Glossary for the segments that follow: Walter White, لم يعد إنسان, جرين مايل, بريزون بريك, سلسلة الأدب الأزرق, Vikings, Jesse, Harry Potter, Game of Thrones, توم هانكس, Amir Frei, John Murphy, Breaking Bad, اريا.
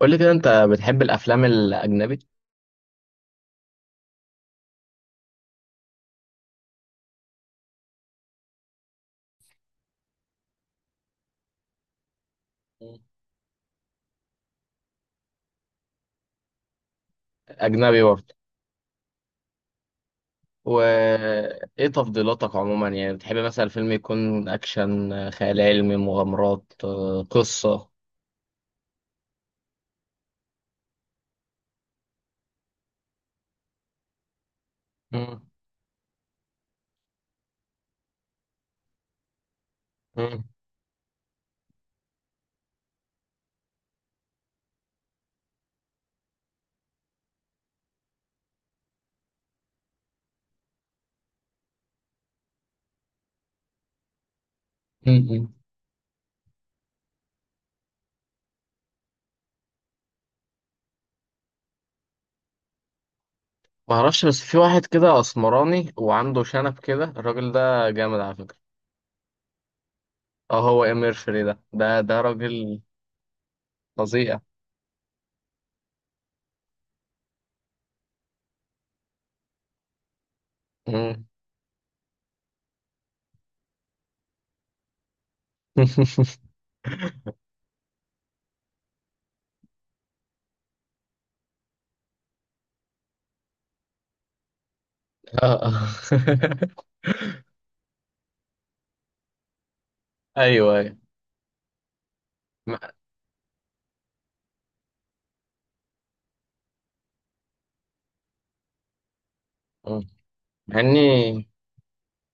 قول لي كده، انت بتحب الافلام الاجنبي؟ مم. اجنبي برضه؟ وايه تفضيلاتك عموما؟ يعني بتحب مثلا الفيلم يكون اكشن، خيال علمي، مغامرات، قصة؟ مم. مم. مم. ما اعرفش، بس في واحد كده اسمراني وعنده شنب كده، الراجل ده جامد على فكرة. اه، هو امير فري ده راجل فظيع. مم. اه، اه. ايوه، ايوه. مع مم. مع اني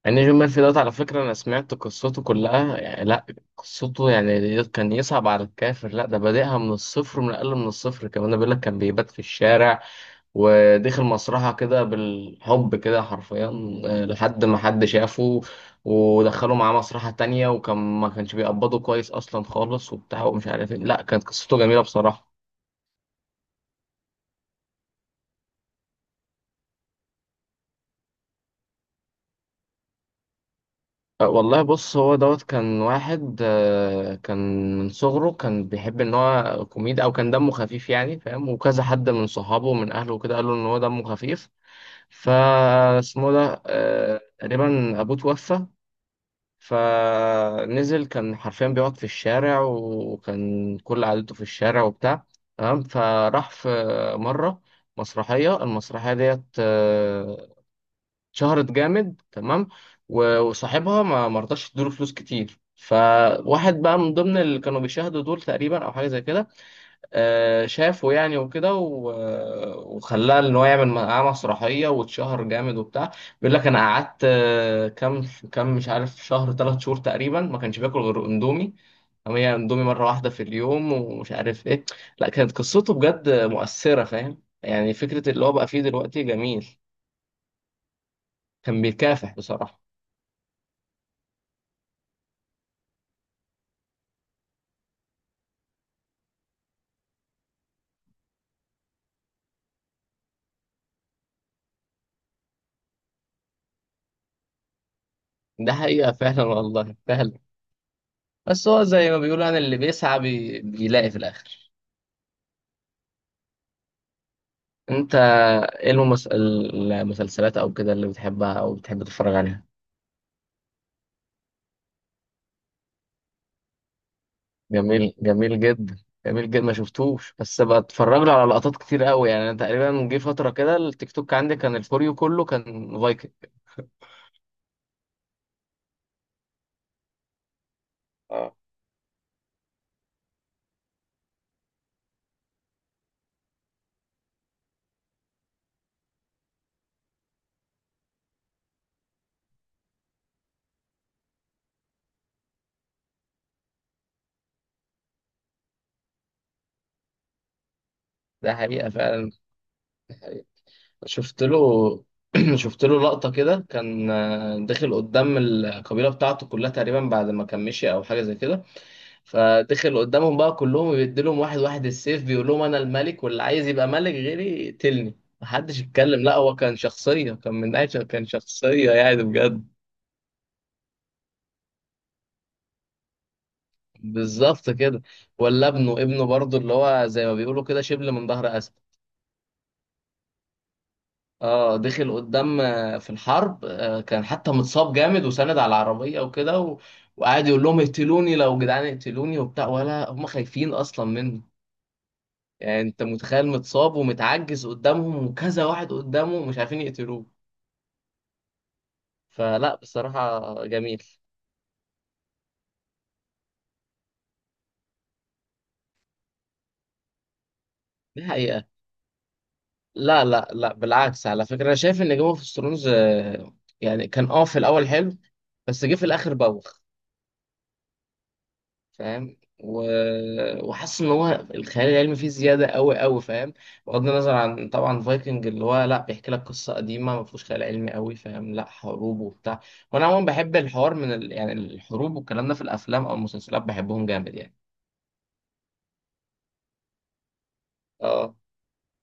يعني جون ميرفي دوت، على فكرة أنا سمعت قصته كلها، يعني لا. قصته يعني كان يصعب على الكافر، لا ده بادئها من الصفر، من أقل من الصفر كمان. بيقول لك كان بيبات في الشارع، ودخل مسرحة كده بالحب كده حرفيا، لحد ما حد شافه ودخله معاه مسرحة تانية، وكان ما كانش بيقبضه كويس أصلا خالص وبتاع ومش عارف إيه. لا كانت قصته جميلة بصراحة. والله بص، هو دوت كان واحد، آه، كان من صغره كان بيحب ان هو كوميدي، او كان دمه خفيف يعني، فاهم؟ وكذا حد من صحابه ومن اهله وكده قالوا ان هو دمه خفيف. فاسمه ده تقريبا ابوه توفى، فنزل، كان حرفيا بيقعد في الشارع، وكان كل عادته في الشارع وبتاع. تمام، فراح مرة مسرحية، المسرحية ديت شهرت جامد. تمام، و- وصاحبها ما مرضاش يديله فلوس كتير، فواحد بقى من ضمن اللي كانوا بيشاهدوا دول تقريبا او حاجه زي كده، شافه يعني وكده، و- وخلاه ان هو يعمل معاه مسرحيه واتشهر جامد وبتاع. بيقول لك انا قعدت كام مش عارف، شهر، 3 شهور تقريبا، ما كانش باكل غير اندومي. هي اندومي مره واحده في اليوم ومش عارف ايه. لا كانت قصته بجد مؤثره، فاهم يعني فكره اللي هو بقى فيه دلوقتي جميل. كان بيكافح بصراحه. ده حقيقة فعلا، والله فعلا. بس هو زي ما بيقولوا يعني، اللي بيسعى بيلاقي في الآخر. أنت، إيه المسلسلات أو كده اللي بتحبها أو بتحب تتفرج عليها؟ جميل، جميل جدا. جميل جدا، ما شفتوش، بس بتفرج له على لقطات كتير قوي، يعني أنا تقريبا جه فترة كده التيك توك عندي كان الفوريو كله كان فايكنج. اه. ده حقيقة فعلا. شفت له. شفت له لقطة كده، كان داخل قدام القبيلة بتاعته كلها تقريبا، بعد ما كان مشي أو حاجة زي كده، فدخل قدامهم بقى كلهم، بيديلهم واحد واحد السيف، بيقول لهم انا الملك، واللي عايز يبقى ملك غيري يقتلني، محدش يتكلم. لا هو كان شخصية، كان من ناحية كان شخصية يعني بجد. بالظبط كده. ولا ابنه، ابنه برضه اللي هو زي ما بيقولوا كده شبل من ظهر أسد. اه، دخل قدام في الحرب، كان حتى متصاب جامد وساند على العربية وكده وقعد يقول لهم اقتلوني لو جدعان، اقتلوني وبتاع، ولا هم خايفين اصلا منه. يعني انت متخيل، متصاب ومتعجز قدامهم، وكذا واحد قدامه مش عارفين يقتلوه. فلا بصراحة جميل. دي حقيقة. لا، لا، لا، بالعكس على فكرة، انا شايف ان جيم اوف ثرونز يعني كان، في الاول حلو، بس جه في الاخر بوخ، فاهم؟ و... وحاسس ان هو الخيال العلمي فيه زياده قوي قوي، فاهم؟ بغض النظر عن طبعا فايكنج اللي هو لا، بيحكي لك قصه قديمه ما فيهوش خيال علمي قوي، فاهم؟ لا، حروب وبتاع. وانا عموما بحب الحوار من يعني الحروب والكلام ده في الافلام او المسلسلات بحبهم جامد يعني. اه،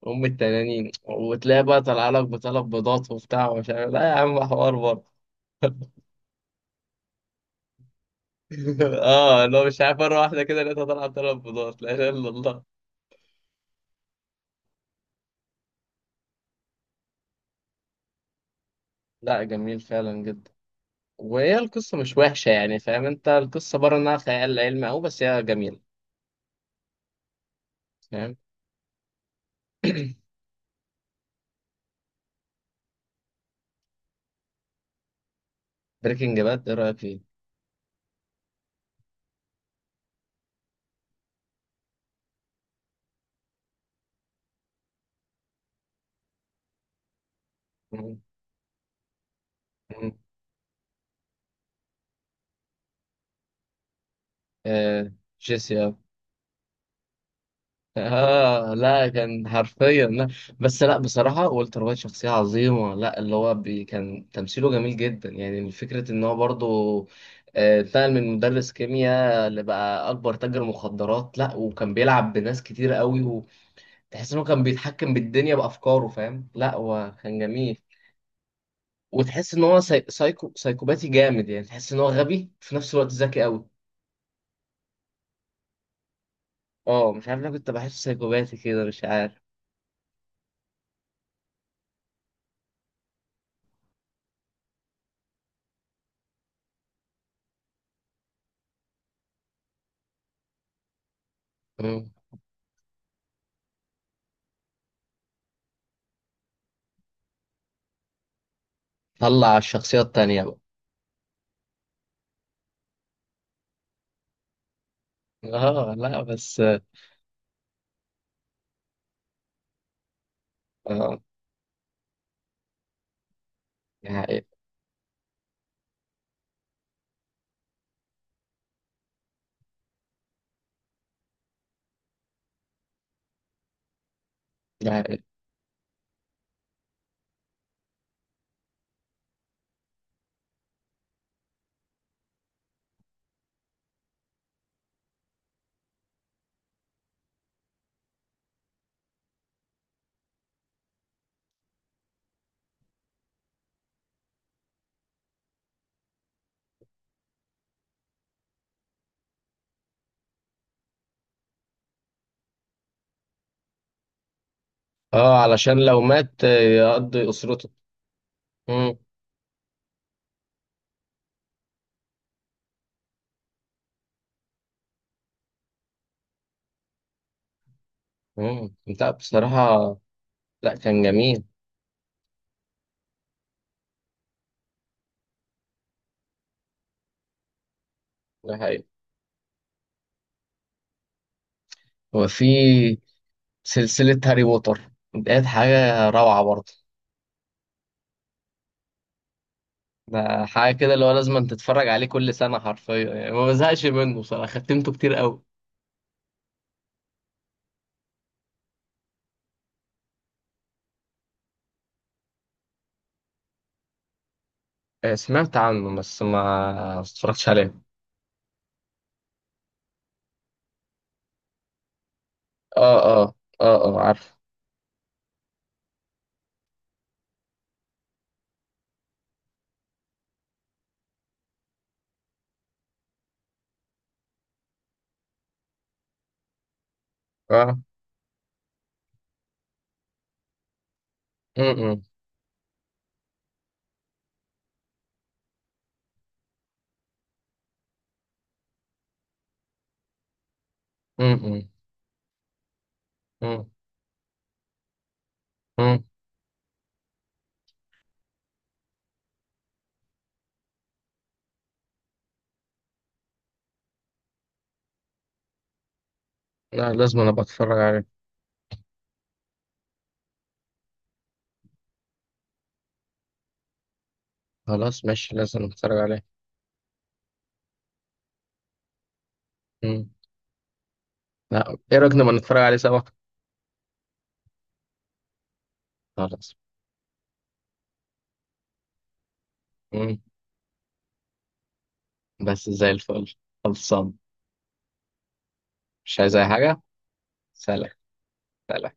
ام التنانين، وتلاقي بقى طالعه لك بطلب بيضات وبتاع ومش عارف، لا يا عم حوار برضه. اه، لو مش عارف، مره واحده كده لقيتها طالعه بطلب بيضات، لا اله الا الله. لا، جميل فعلا جدا. وهي القصة مش وحشة، يعني فاهم انت القصة بره انها خيال علمي، او بس هي جميلة، فاهم؟ بريكنج باد، ايه رأيك فيه؟ مم. مم. آه، جيسي، اه. آه، لا كان حرفيا لا. بس لا بصراحة والتر وايت شخصية عظيمة، لا اللي هو كان تمثيله جميل جدا، يعني فكرة ان هو برضه اتنقل من مدرس كيمياء لبقى اكبر تاجر مخدرات، لا وكان بيلعب بناس كتير قوي. وتحس انه كان بيتحكم بالدنيا بافكاره، فاهم؟ لا هو كان جميل. وتحس ان هو سايكوباتي جامد، يعني تحس ان هو غبي في نفس الوقت، ذكي قوي. اه، مش عارف ليه كنت بحسه سايكوباتي كده، مش عارف. مم. طلع على الشخصية التانية بقى. اه، لا بس. اه، دي حقيقة. دي حقيقة. اه، علشان لو مات، يقضي أسرته. مم. مم. لا بصراحة. لا كان جميل. ده حقيقة. وفي سلسلة هاري بوتر ديت، حاجة روعة برضه. ده حاجة كده اللي هو لازم تتفرج عليه كل سنة حرفيا يعني، ما بزهقش منه بصراحة، ختمته كتير قوي. سمعت عنه بس ما اتفرجتش عليه. اه، اه. اه، اه، عارف. اه. م-م. م-م. م-م. م. لا لازم، انا بتفرج عليه. خلاص ماشي، لازم اتفرج عليه. م. لا، ايه رأيك نبقى نتفرج عليه سوا؟ خلاص. م. بس زي الفل. خلصان. مش عايز اي حاجة. سلام. سلام.